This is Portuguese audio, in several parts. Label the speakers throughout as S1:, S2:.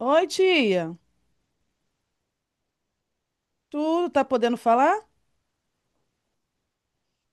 S1: Oi, tia. Tu tá podendo falar?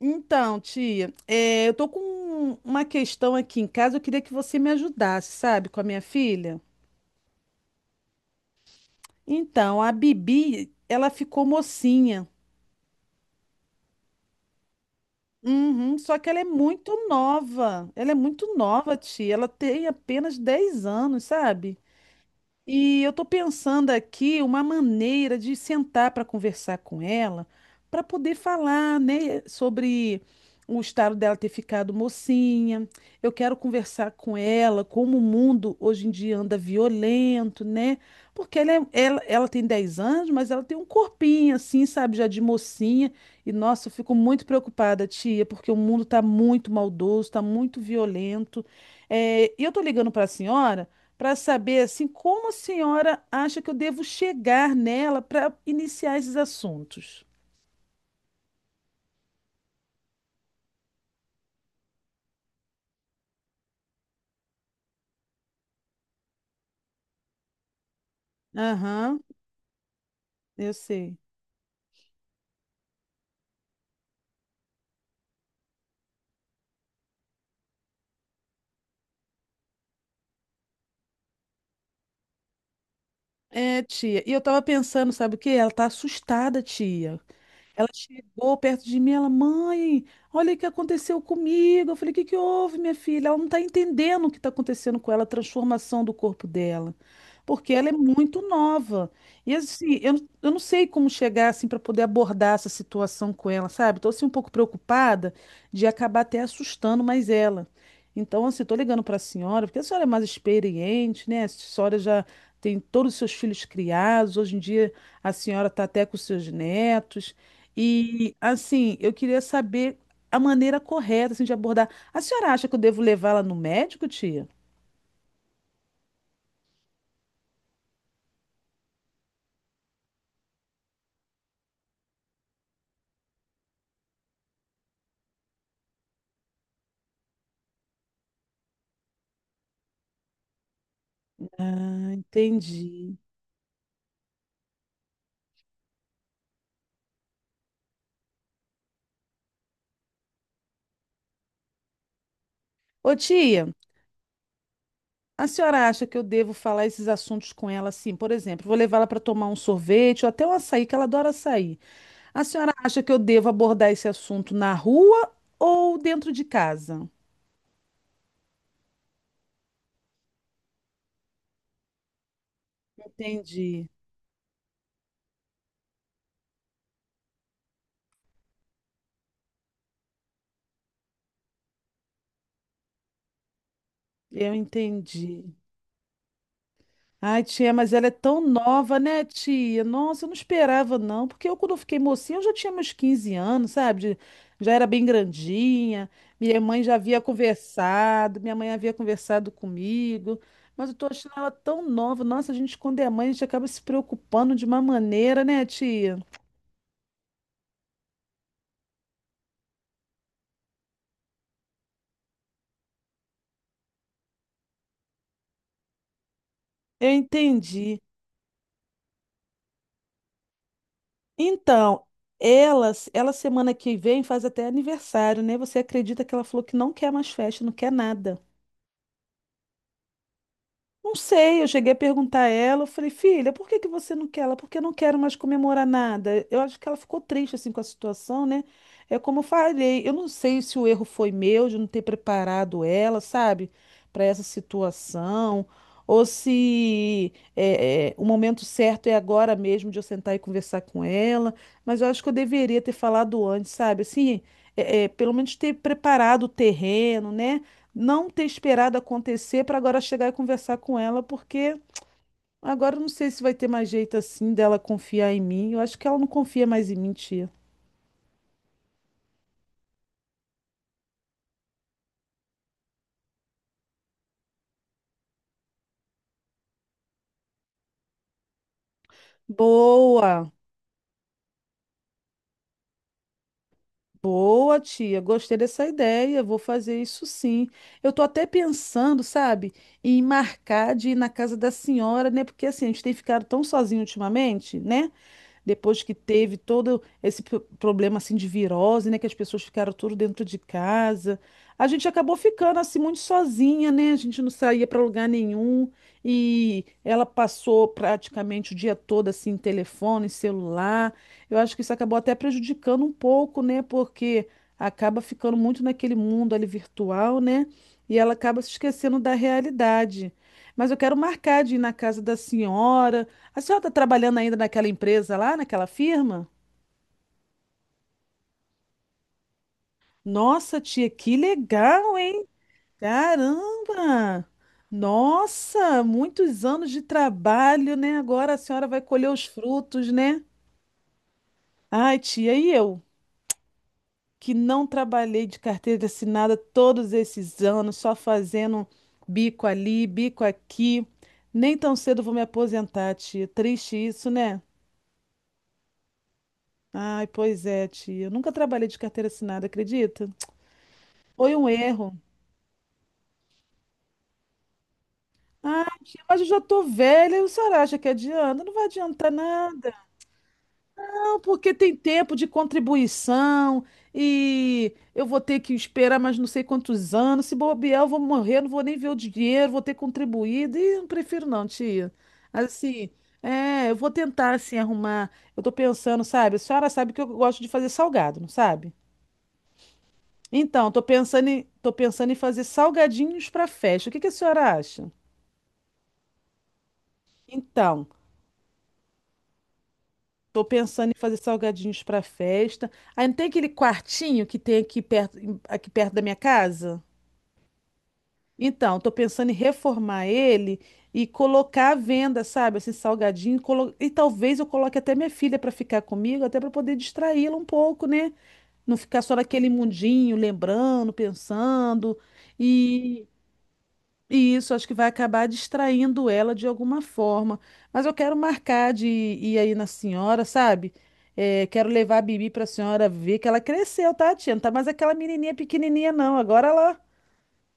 S1: Então, tia, eu tô com uma questão aqui em casa. Eu queria que você me ajudasse, sabe, com a minha filha. Então, a Bibi, ela ficou mocinha. Uhum. Só que ela é muito nova. Ela é muito nova, tia. Ela tem apenas 10 anos, sabe? E eu estou pensando aqui uma maneira de sentar para conversar com ela, para poder falar, né, sobre o estado dela ter ficado mocinha. Eu quero conversar com ela, como o mundo hoje em dia anda violento, né? Porque ela tem 10 anos, mas ela tem um corpinho assim, sabe, já de mocinha. E nossa, eu fico muito preocupada, tia, porque o mundo está muito maldoso, está muito violento. É, e eu estou ligando para a senhora para saber assim como a senhora acha que eu devo chegar nela para iniciar esses assuntos. Aham, eu sei. É, tia. E eu tava pensando, sabe o quê? Ela tá assustada, tia. Ela chegou perto de mim, ela, mãe, olha o que aconteceu comigo. Eu falei, o que que houve, minha filha? Ela não está entendendo o que está acontecendo com ela, a transformação do corpo dela. Porque ela é muito nova. E assim, eu não sei como chegar assim para poder abordar essa situação com ela, sabe? Estou assim um pouco preocupada de acabar até assustando mais ela. Então, assim, estou ligando para a senhora, porque a senhora é mais experiente, né? A senhora já tem todos os seus filhos criados. Hoje em dia a senhora está até com os seus netos. E assim, eu queria saber a maneira correta assim, de abordar. A senhora acha que eu devo levá-la no médico, tia? Ah, entendi. Ô, tia, a senhora acha que eu devo falar esses assuntos com ela assim? Por exemplo, vou levá-la para tomar um sorvete ou até um açaí, que ela adora açaí. A senhora acha que eu devo abordar esse assunto na rua ou dentro de casa? Entendi. Eu entendi. Ai, tia, mas ela é tão nova, né, tia? Nossa, eu não esperava, não, porque eu, quando eu fiquei mocinha, eu já tinha meus 15 anos, sabe? De- Já era bem grandinha, minha mãe havia conversado comigo, mas eu tô achando ela tão nova. Nossa, a gente, quando é mãe, a gente acaba se preocupando de uma maneira, né, tia? Eu entendi. Então, ela semana que vem faz até aniversário, né? Você acredita que ela falou que não quer mais festa, não quer nada? Não sei, eu cheguei a perguntar a ela, eu falei, filha, por que que você não quer ela? Porque eu não quero mais comemorar nada. Eu acho que ela ficou triste assim com a situação, né? É como eu falei, eu não sei se o erro foi meu de não ter preparado ela, sabe, para essa situação, ou se o momento certo é agora mesmo de eu sentar e conversar com ela. Mas eu acho que eu deveria ter falado antes, sabe? Assim, pelo menos ter preparado o terreno, né? Não ter esperado acontecer para agora chegar e conversar com ela, porque agora eu não sei se vai ter mais jeito assim dela confiar em mim. Eu acho que ela não confia mais em mim, tia. Boa, boa, tia. Gostei dessa ideia. Vou fazer isso sim. Eu tô até pensando, sabe, em marcar de ir na casa da senhora, né? Porque assim, a gente tem ficado tão sozinho ultimamente, né? Depois que teve todo esse problema assim de virose, né, que as pessoas ficaram tudo dentro de casa. A gente acabou ficando assim muito sozinha, né? A gente não saía para lugar nenhum e ela passou praticamente o dia todo assim, telefone, celular. Eu acho que isso acabou até prejudicando um pouco, né? Porque acaba ficando muito naquele mundo ali virtual, né? E ela acaba se esquecendo da realidade. Mas eu quero marcar de ir na casa da senhora. A senhora está trabalhando ainda naquela empresa lá, naquela firma? Nossa, tia, que legal, hein? Caramba! Nossa, muitos anos de trabalho, né? Agora a senhora vai colher os frutos, né? Ai, tia, e eu, que não trabalhei de carteira assinada todos esses anos, só fazendo bico ali, bico aqui. Nem tão cedo vou me aposentar, tia. Triste isso, né? Ai, pois é, tia. Eu nunca trabalhei de carteira assinada, acredita? Foi um erro. Ah, tia, mas eu já tô velha e o senhor acha que adianta? Não vai adiantar nada. Não, porque tem tempo de contribuição e eu vou ter que esperar mais não sei quantos anos. Se bobear, eu vou morrer, não vou nem ver o dinheiro, vou ter contribuído. E não prefiro não, tia. Assim, eu vou tentar assim arrumar. Eu tô pensando, sabe? A senhora sabe que eu gosto de fazer salgado, não sabe? Então, tô pensando em fazer salgadinhos para festa. O que que a senhora acha? Então, tô pensando em fazer salgadinhos para festa. Aí não tem aquele quartinho que tem aqui perto, aqui perto da minha casa? Então, tô pensando em reformar ele e colocar à venda, sabe? Assim, salgadinho. E talvez eu coloque até minha filha para ficar comigo, até para poder distraí-la um pouco, né? Não ficar só naquele mundinho, lembrando, pensando. E e isso acho que vai acabar distraindo ela de alguma forma. Mas eu quero marcar de ir aí na senhora, sabe? É, quero levar a Bibi para a senhora ver que ela cresceu, tá, tia? Não tá mais aquela menininha pequenininha, não. Agora ela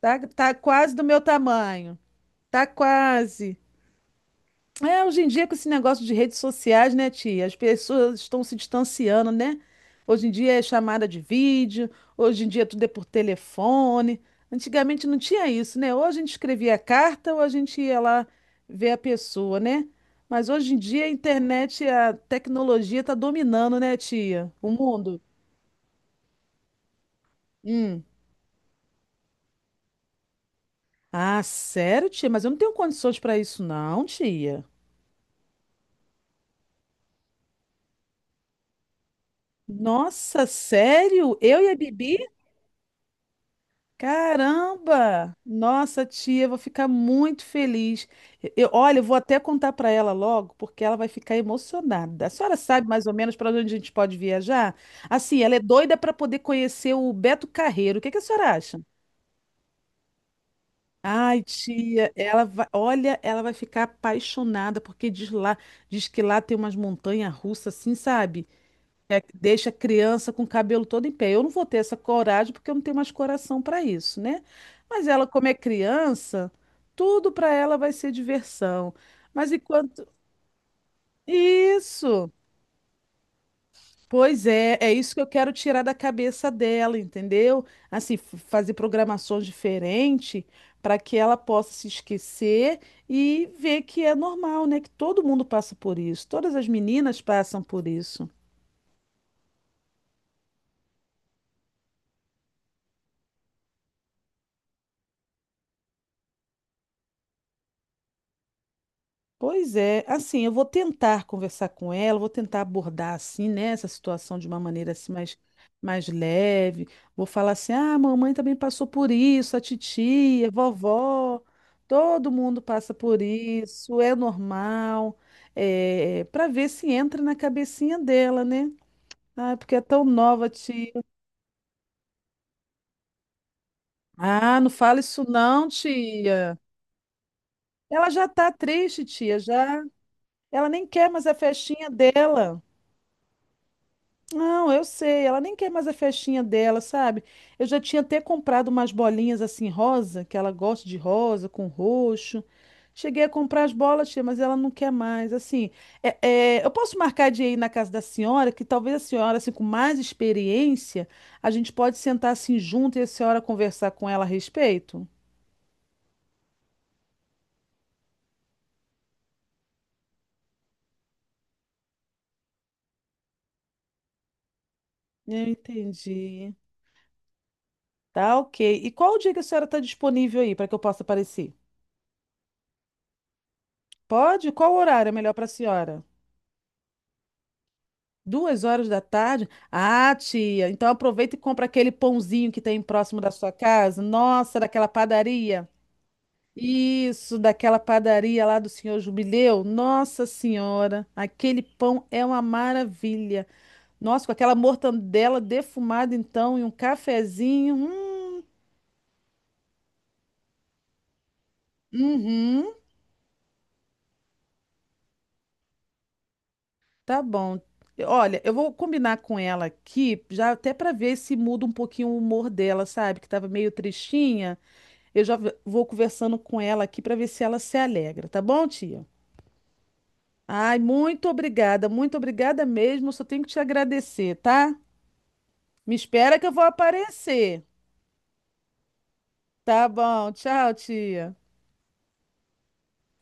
S1: tá quase do meu tamanho. Tá quase. É, hoje em dia, com esse negócio de redes sociais, né, tia? As pessoas estão se distanciando, né? Hoje em dia é chamada de vídeo, hoje em dia tudo é por telefone. Antigamente não tinha isso, né? Ou a gente escrevia carta ou a gente ia lá ver a pessoa, né? Mas hoje em dia a internet, a tecnologia está dominando, né, tia? O mundo. Hum. Ah, sério, tia? Mas eu não tenho condições para isso, não, tia. Nossa, sério? Eu e a Bibi? Caramba! Nossa, tia, eu vou ficar muito feliz. Eu, olha, eu vou até contar para ela logo, porque ela vai ficar emocionada. A senhora sabe mais ou menos para onde a gente pode viajar? Assim, ela é doida para poder conhecer o Beto Carreiro. O que que a senhora acha? Ai, tia, ela vai, olha, ela vai ficar apaixonada porque diz lá, diz que lá tem umas montanhas russas assim, sabe? É, deixa a criança com o cabelo todo em pé. Eu não vou ter essa coragem porque eu não tenho mais coração para isso, né? Mas ela, como é criança, tudo para ela vai ser diversão. Mas enquanto. Isso! Pois é, é isso que eu quero tirar da cabeça dela, entendeu? Assim, fazer programações diferentes para que ela possa se esquecer e ver que é normal, né? Que todo mundo passa por isso, todas as meninas passam por isso. Pois é, assim, eu vou tentar conversar com ela, vou tentar abordar assim, né, essa situação de uma maneira assim mais, mais leve. Vou falar assim: "Ah, a mamãe também passou por isso, a titia, a vovó, todo mundo passa por isso, é normal". É, para ver se entra na cabecinha dela, né? Ah, porque é tão nova, tia. Ah, não fala isso não, tia. Ela já tá triste, tia, já. Ela nem quer mais a festinha dela. Não, eu sei, ela nem quer mais a festinha dela, sabe? Eu já tinha até comprado umas bolinhas assim rosa, que ela gosta de rosa com roxo. Cheguei a comprar as bolas, tia, mas ela não quer mais. Assim, é- eu posso marcar de ir na casa da senhora, que talvez a senhora, assim, com mais experiência, a gente pode sentar assim junto e a senhora conversar com ela a respeito? Eu entendi. Tá, ok. E qual o dia que a senhora está disponível aí para que eu possa aparecer? Pode? Qual horário é melhor para a senhora? 2 horas da tarde? Ah, tia, então aproveita e compra aquele pãozinho que tem próximo da sua casa. Nossa, daquela padaria. Isso, daquela padaria lá do senhor Jubileu. Nossa Senhora, aquele pão é uma maravilha. Nossa, com aquela mortandela defumada, então, e um cafezinho. Hum. Uhum, tá bom. Olha, eu vou combinar com ela aqui, já até para ver se muda um pouquinho o humor dela, sabe? Que tava meio tristinha. Eu já vou conversando com ela aqui para ver se ela se alegra, tá bom, tia? Ai, muito obrigada mesmo. Só tenho que te agradecer, tá? Me espera que eu vou aparecer. Tá bom, tchau, tia.